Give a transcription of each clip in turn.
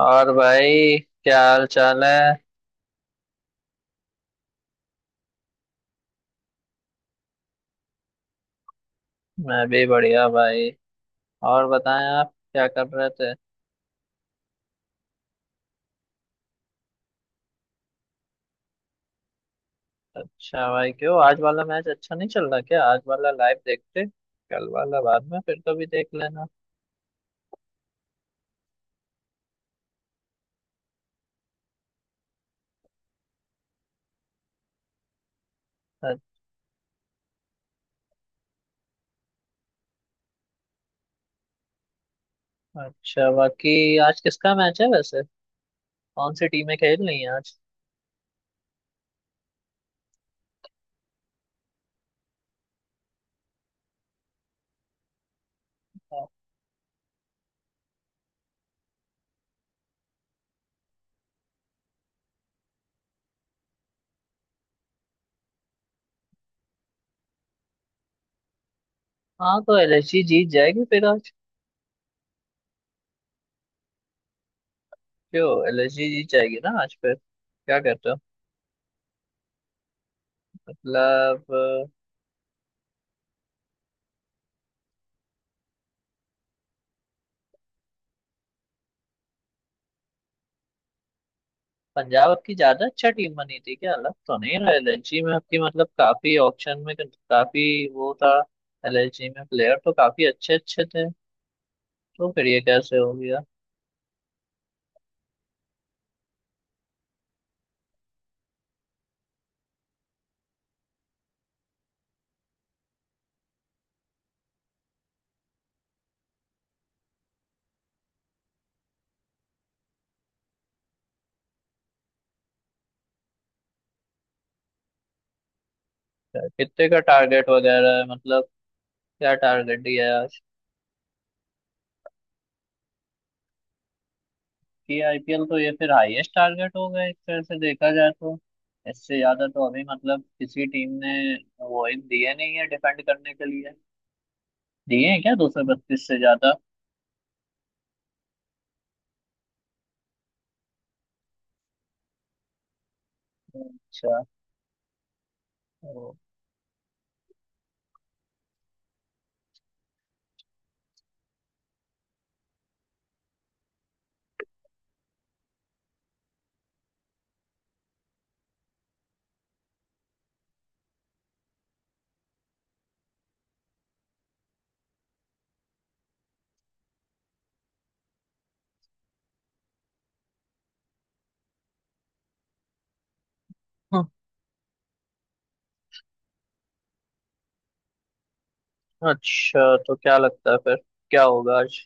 और भाई, क्या हाल चाल है। मैं भी बढ़िया भाई। और बताएं, आप क्या कर रहे थे। अच्छा भाई, क्यों आज वाला मैच अच्छा नहीं चल रहा क्या? आज वाला लाइव देखते, कल वाला बाद में फिर कभी देख लेना। अ- अच्छा, बाकी आज किसका मैच है वैसे, कौन सी टीमें खेल रही हैं आज। हाँ, तो एलएसजी जीत जाएगी फिर आज। क्यों एलएसजी जीत जाएगी ना आज फिर, क्या कहते हो? मतलब पंजाब आपकी ज्यादा अच्छा टीम बनी थी क्या? लग तो नहीं रहा, एलएलजी में आपकी मतलब काफी ऑप्शन में काफी वो था। एलएलजी में प्लेयर तो काफी अच्छे अच्छे थे, तो फिर ये कैसे हो गया? क्या- कितने का टारगेट वगैरह है मतलब, क्या टारगेट दिया है आज? की आईपीएल तो ये फिर हाईएस्ट टारगेट हो गया एक तरह से देखा जाए तो। इससे ज्यादा तो अभी मतलब किसी टीम ने वो एक दिए नहीं है डिफेंड करने के लिए, दिए हैं क्या 232 से ज्यादा? अच्छा। ओ। अच्छा, तो क्या लगता है फिर, क्या होगा आज?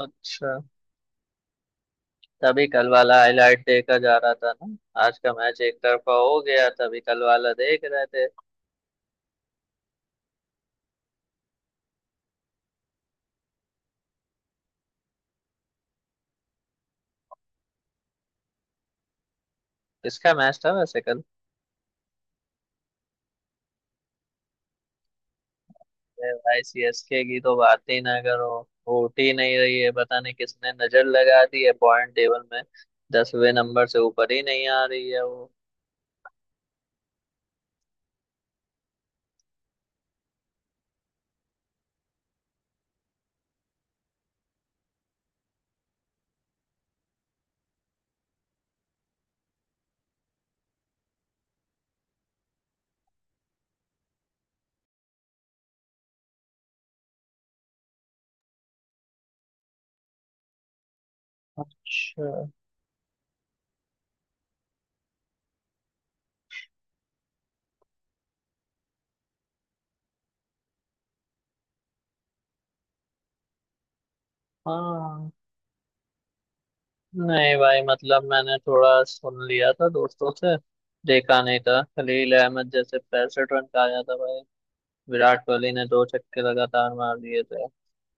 अच्छा, तभी कल वाला हाईलाइट देखा जा रहा था ना, आज का मैच एक तरफा हो गया तभी कल वाला देख रहे थे। किसका मैच था वैसे कल? अरे भाई, सीएसके की तो बात ही ना करो, होट ही नहीं रही है, पता नहीं किसने नजर लगा दी है। पॉइंट टेबल में 10वें नंबर से ऊपर ही नहीं आ रही है वो। अच्छा। हाँ, नहीं भाई मतलब मैंने थोड़ा सुन लिया था दोस्तों से, देखा नहीं था। खलील अहमद जैसे 65 रन का आया था भाई, विराट कोहली ने दो छक्के लगातार मार दिए थे,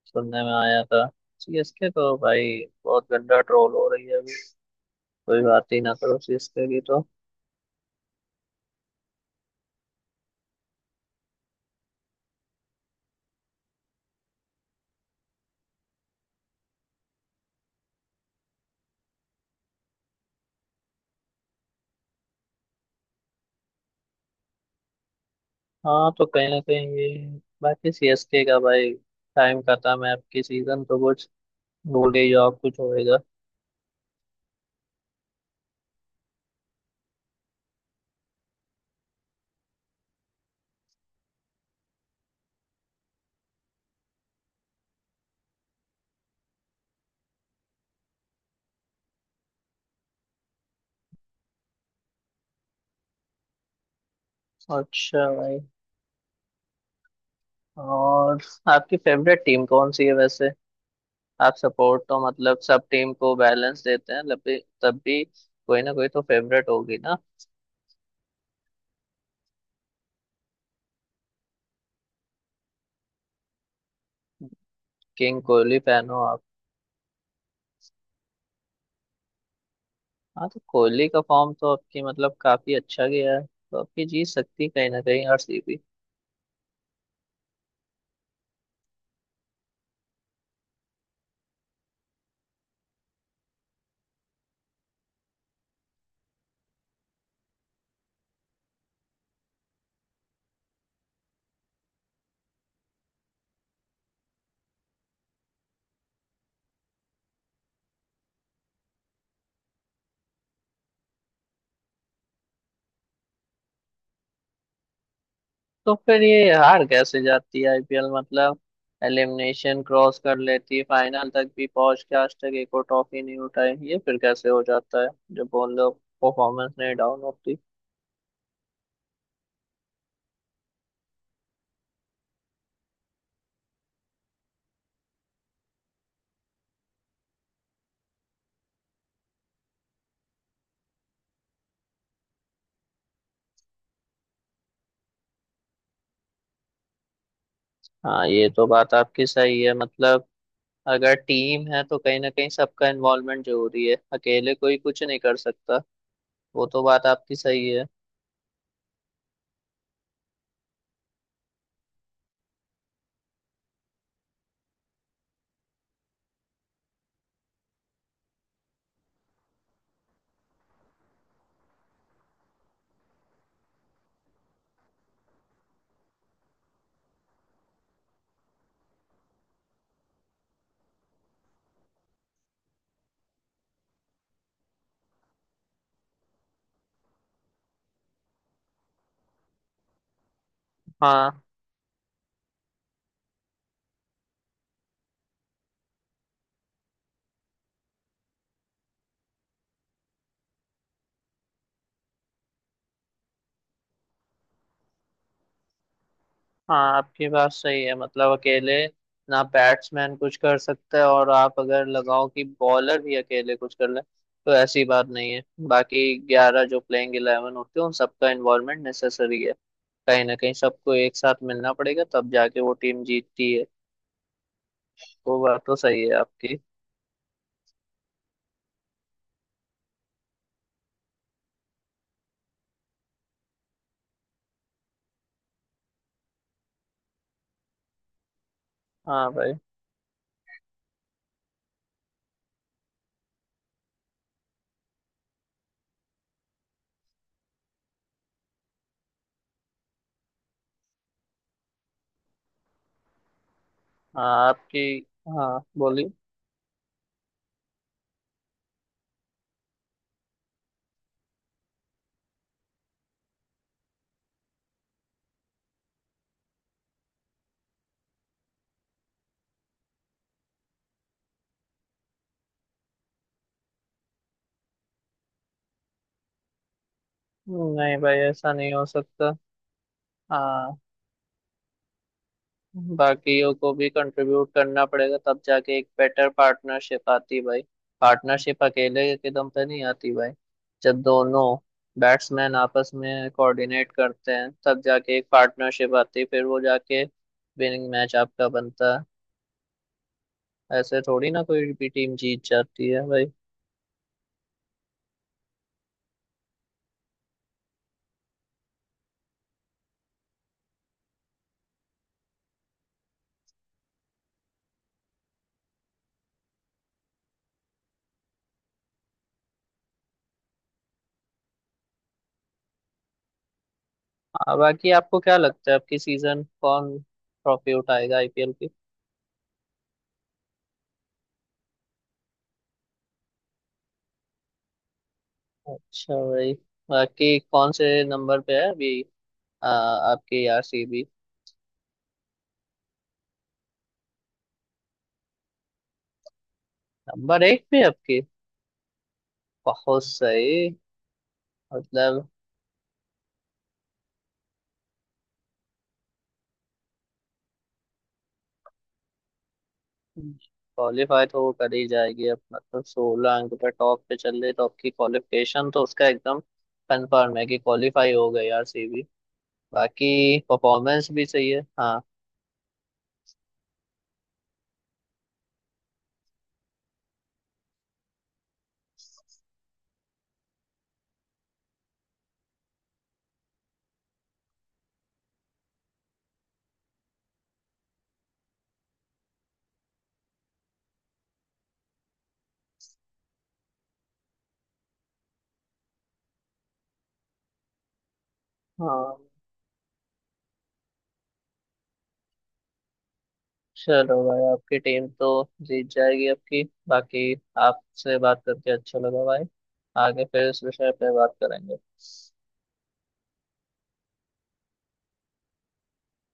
सुनने में आया था। सीएसके तो भाई बहुत गंदा ट्रोल हो रही है अभी, कोई बात ही ना करो सीएसके की तो। हाँ, तो कहीं ना कहीं ये, बाकी सीएसके का भाई टाइम खत्म है, अब की सीजन तो कुछ भूल ही जाओ कुछ होएगा। अच्छा भाई, और आपकी फेवरेट टीम कौन सी है वैसे? आप सपोर्ट तो मतलब सब टीम को बैलेंस देते हैं, तब भी कोई ना कोई तो फेवरेट होगी ना। किंग कोहली फैन हो आप? हाँ, तो कोहली का फॉर्म तो आपकी मतलब काफी अच्छा गया है, तो आपकी जीत सकती है कहीं ना कहीं आरसीबी। तो फिर ये हार कैसे जाती है आईपीएल मतलब, एलिमिनेशन क्रॉस कर लेती है, फाइनल तक भी पहुंच के आज तक एक और ट्रॉफी नहीं उठाई, ये फिर कैसे हो जाता है, जब बोल लो परफॉर्मेंस नहीं डाउन होती? हाँ, ये तो बात आपकी सही है मतलब, अगर टीम है तो कहीं ना कहीं सबका इन्वॉल्वमेंट जरूरी है, अकेले कोई कुछ नहीं कर सकता, वो तो बात आपकी सही है। हाँ। हाँ आपकी बात सही है मतलब अकेले ना बैट्समैन कुछ कर सकता है और आप अगर लगाओ कि बॉलर भी अकेले कुछ कर ले, तो ऐसी बात नहीं है। बाकी 11 जो प्लेइंग इलेवन होते हैं, उन सबका इन्वॉल्वमेंट नेसेसरी है, कहीं ना कहीं सबको एक साथ मिलना पड़ेगा तब जाके वो टीम जीतती है, वो बात तो सही है आपकी। हाँ भाई हाँ। आपकी हाँ। बोलिए। नहीं भाई, ऐसा नहीं हो सकता। हाँ, बाकियों को भी कंट्रीब्यूट करना पड़ेगा तब जाके एक बेटर पार्टनरशिप आती है भाई, पार्टनरशिप अकेले के दम पे नहीं आती भाई। जब दोनों बैट्समैन आपस में कोऑर्डिनेट करते हैं तब जाके एक पार्टनरशिप आती है, फिर वो जाके विनिंग मैच आपका बनता है, ऐसे थोड़ी ना कोई भी टीम जीत जाती है भाई। हाँ, बाकी आपको क्या लगता है आपकी सीजन कौन ट्रॉफी उठाएगा आईपीएल की? अच्छा भाई, बाकी कौन से नंबर पे है अभी? आ, आपके आरसीबी। नंबर एक पे आपके? बहुत सही। मतलब क्वालिफाई तो वो कर ही जाएगी अब, मतलब 16 अंक पे टॉप पे चल रही तो आपकी क्वालिफिकेशन तो उसका एकदम कंफर्म है कि क्वालिफाई हो गई आरसीबी, बाकी परफॉर्मेंस भी सही है। हाँ। हाँ, चलो भाई आपकी टीम तो जीत जाएगी आपकी। बाकी आपसे बात करके अच्छा लगा भाई, आगे फिर इस विषय पे बात करेंगे।